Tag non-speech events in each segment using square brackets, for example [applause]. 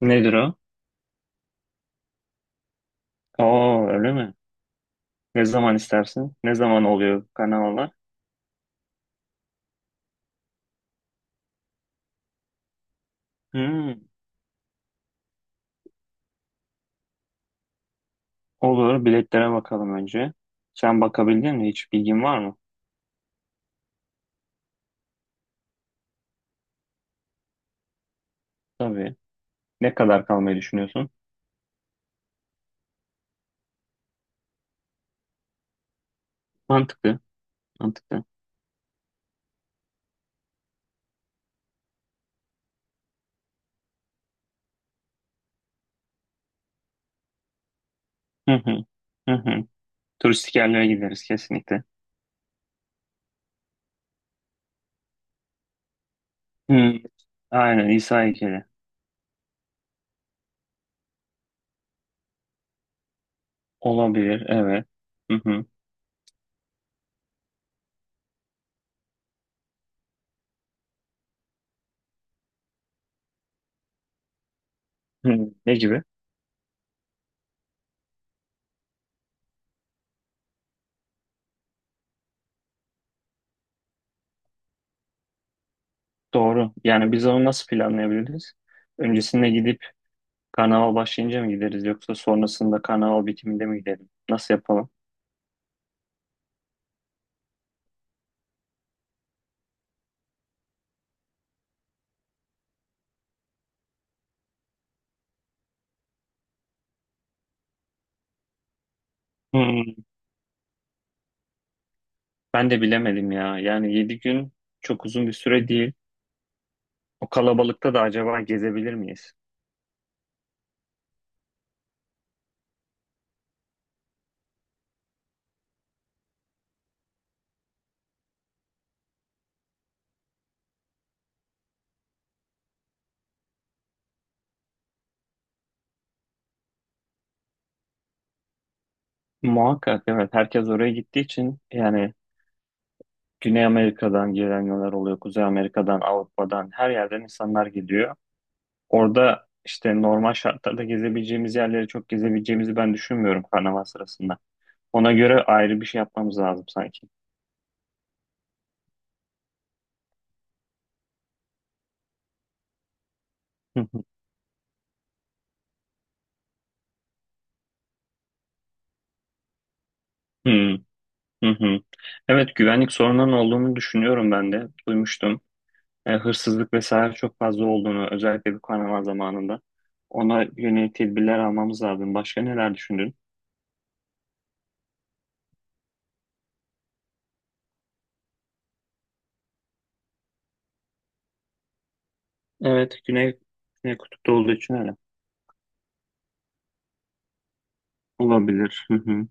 Nedir o? Oo, öyle mi? Ne zaman istersin? Ne zaman oluyor karnavalar? Hmm, olur. Biletlere bakalım önce. Sen bakabildin mi? Hiç bilgin var mı? Tabii. Ne kadar kalmayı düşünüyorsun? Mantıklı. Mantıklı. Hı hı. Hı hı. Turistik yerlere gideriz kesinlikle. Hı. Aynen, İsa heykeli. Olabilir. Evet. Hı hı. Hı. Ne gibi? Doğru. Yani biz onu nasıl planlayabiliriz? Öncesinde gidip karnaval başlayınca mı gideriz, yoksa sonrasında karnaval bitiminde mi gidelim? Nasıl yapalım? Hmm, ben de bilemedim ya. Yani 7 gün çok uzun bir süre değil. O kalabalıkta da acaba gezebilir miyiz? Muhakkak, evet. Herkes oraya gittiği için yani Güney Amerika'dan gelenler oluyor. Kuzey Amerika'dan, Avrupa'dan, her yerden insanlar geliyor. Orada işte normal şartlarda gezebileceğimiz yerleri çok gezebileceğimizi ben düşünmüyorum karnaval sırasında. Ona göre ayrı bir şey yapmamız lazım sanki. [laughs] Hmm. Hı hı. Evet, güvenlik sorununun olduğunu düşünüyorum ben de. Duymuştum. Hırsızlık vesaire çok fazla olduğunu, özellikle bu karnaval zamanında. Ona yönelik tedbirler almamız lazım. Başka neler düşündün? Evet, Güney, Güney Kutup'ta olduğu için öyle. Olabilir. Hı hı.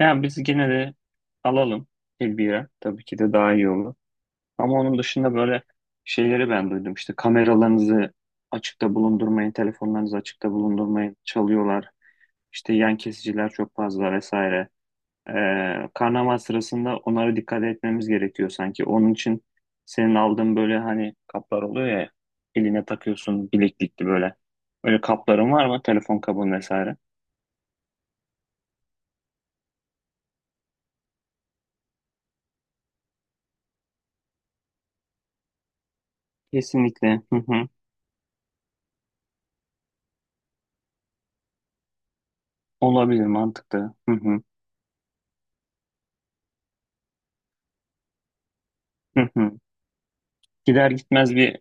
Yani biz gene de alalım tedbire. Tabii ki de daha iyi olur. Ama onun dışında böyle şeyleri ben duydum. İşte kameralarınızı açıkta bulundurmayın, telefonlarınızı açıkta bulundurmayın, çalıyorlar. İşte yan kesiciler çok fazla vesaire. Ee, karnaval sırasında onlara dikkat etmemiz gerekiyor sanki. Onun için senin aldığın böyle hani kaplar oluyor ya, eline takıyorsun bileklikli böyle. Öyle kapların var mı? Telefon kabın vesaire. Kesinlikle. Hı hı. Olabilir, mantıklı. Hı hı. Hı hı. Gider gitmez bir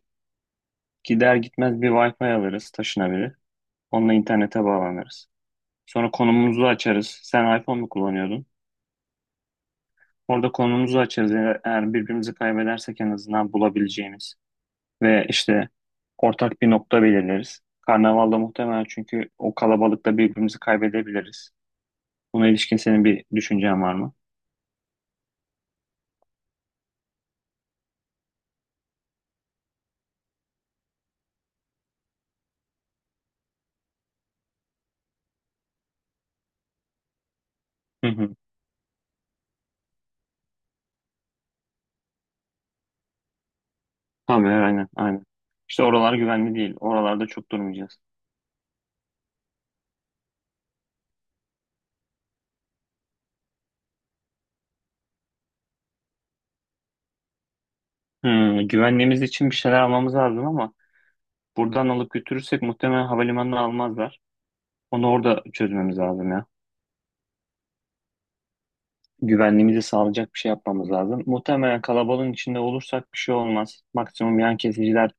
gider gitmez bir Wi-Fi alırız taşınabilir. Onunla internete bağlanırız. Sonra konumumuzu açarız. Sen iPhone mu kullanıyordun? Orada konumumuzu açarız. Eğer birbirimizi kaybedersek en azından bulabileceğimiz. Ve işte ortak bir nokta belirleriz. Karnavalda muhtemelen, çünkü o kalabalıkta birbirimizi kaybedebiliriz. Buna ilişkin senin bir düşüncen var mı? Hı hı. Tabii, aynen aynen. İşte oralar güvenli değil. Oralarda çok durmayacağız. Hı, güvenliğimiz için bir şeyler almamız lazım, ama buradan alıp götürürsek muhtemelen havalimanına almazlar. Onu orada çözmemiz lazım ya. Güvenliğimizi sağlayacak bir şey yapmamız lazım. Muhtemelen kalabalığın içinde olursak bir şey olmaz. Maksimum yan kesiciler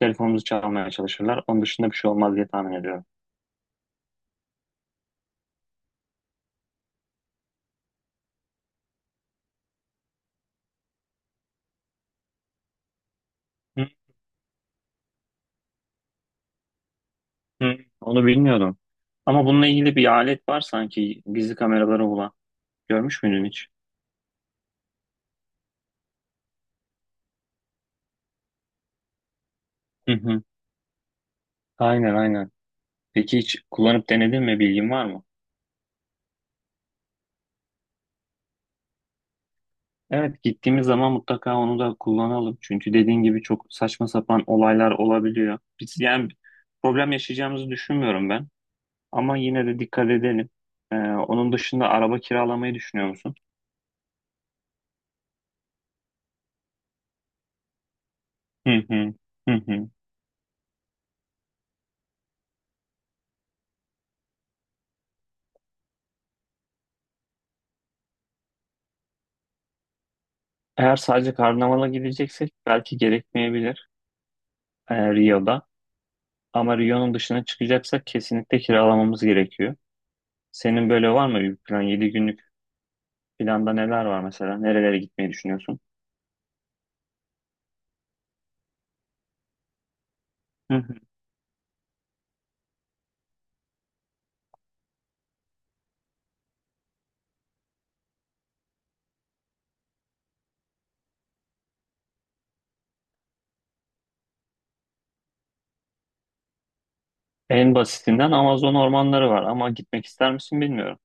telefonumuzu çalmaya çalışırlar. Onun dışında bir şey olmaz diye tahmin ediyorum. Hı, hı. Onu bilmiyordum. Ama bununla ilgili bir alet var sanki gizli kameraları olan. Görmüş müydün hiç? Hı hı. Aynen aynen. Peki hiç kullanıp denedin mi? Bilgin var mı? Evet, gittiğimiz zaman mutlaka onu da kullanalım. Çünkü dediğin gibi çok saçma sapan olaylar olabiliyor. Biz yani problem yaşayacağımızı düşünmüyorum ben. Ama yine de dikkat edelim. Onun dışında araba kiralamayı düşünüyor musun? Hı hı. Hı hı. Eğer sadece karnavala gideceksek belki gerekmeyebilir Rio'da. Ama Rio'nun dışına çıkacaksak kesinlikle kiralamamız gerekiyor. Senin böyle var mı bir plan? 7 günlük planda neler var mesela? Nerelere gitmeyi düşünüyorsun? Hı hı. En basitinden Amazon ormanları var, ama gitmek ister misin bilmiyorum.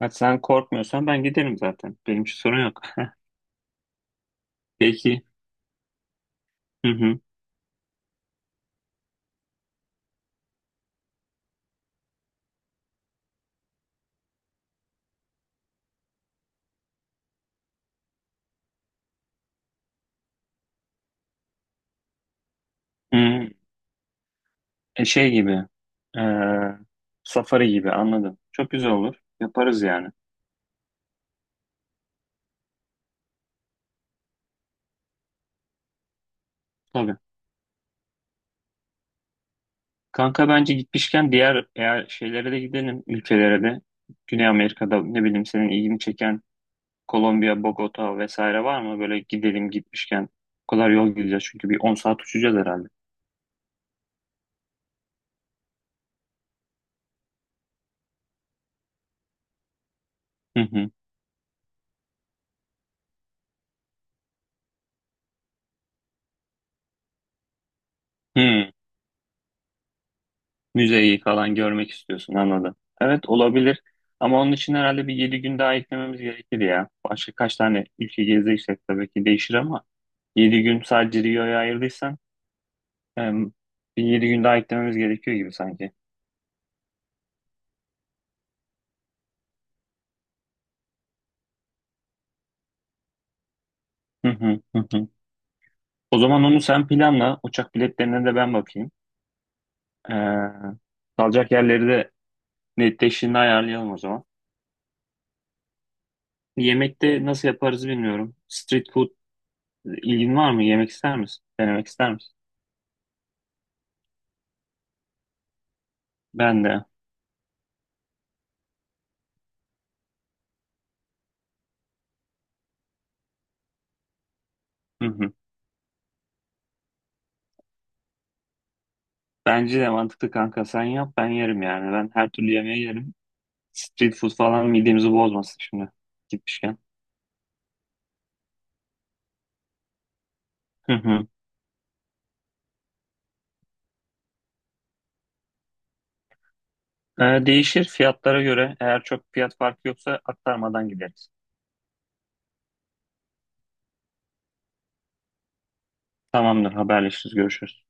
Hadi sen korkmuyorsan ben giderim zaten. Benim için sorun yok. [laughs] Peki. Hı hı. Hı. E, şey gibi. e, Safari gibi anladım. Çok güzel olur. Yaparız yani. Tabii. Kanka, bence gitmişken diğer eğer şeylere de gidelim, ülkelere de. Güney Amerika'da ne bileyim senin ilgini çeken Kolombiya, Bogota vesaire var mı? Böyle gidelim gitmişken. O kadar yol gideceğiz, çünkü bir 10 saat uçacağız herhalde. Hı hı. Hı. Müzeyi falan görmek istiyorsun anladım. Evet, olabilir, ama onun için herhalde bir 7 gün daha eklememiz gerekir ya. Başka kaç tane ülke gezeceksek tabii ki değişir, ama 7 gün sadece Rio'ya ayırdıysan em, bir 7 gün daha eklememiz gerekiyor gibi sanki. Hı hı hı. Hı. O zaman onu sen planla. Uçak biletlerine de ben bakayım. Ee, kalacak yerleri de netleştiğinde ayarlayalım o zaman. Yemekte nasıl yaparız bilmiyorum. Street food ilgin var mı? Yemek ister misin? Denemek ister misin? Ben de. Hı hı. Bence de mantıklı, kanka. Sen yap ben yerim yani. Ben her türlü yemeği yerim. Street food falan midemizi bozmasın şimdi gitmişken. Hı hı. Değişir fiyatlara göre. Eğer çok fiyat farkı yoksa aktarmadan gideriz. Tamamdır, haberleşiriz, görüşürüz.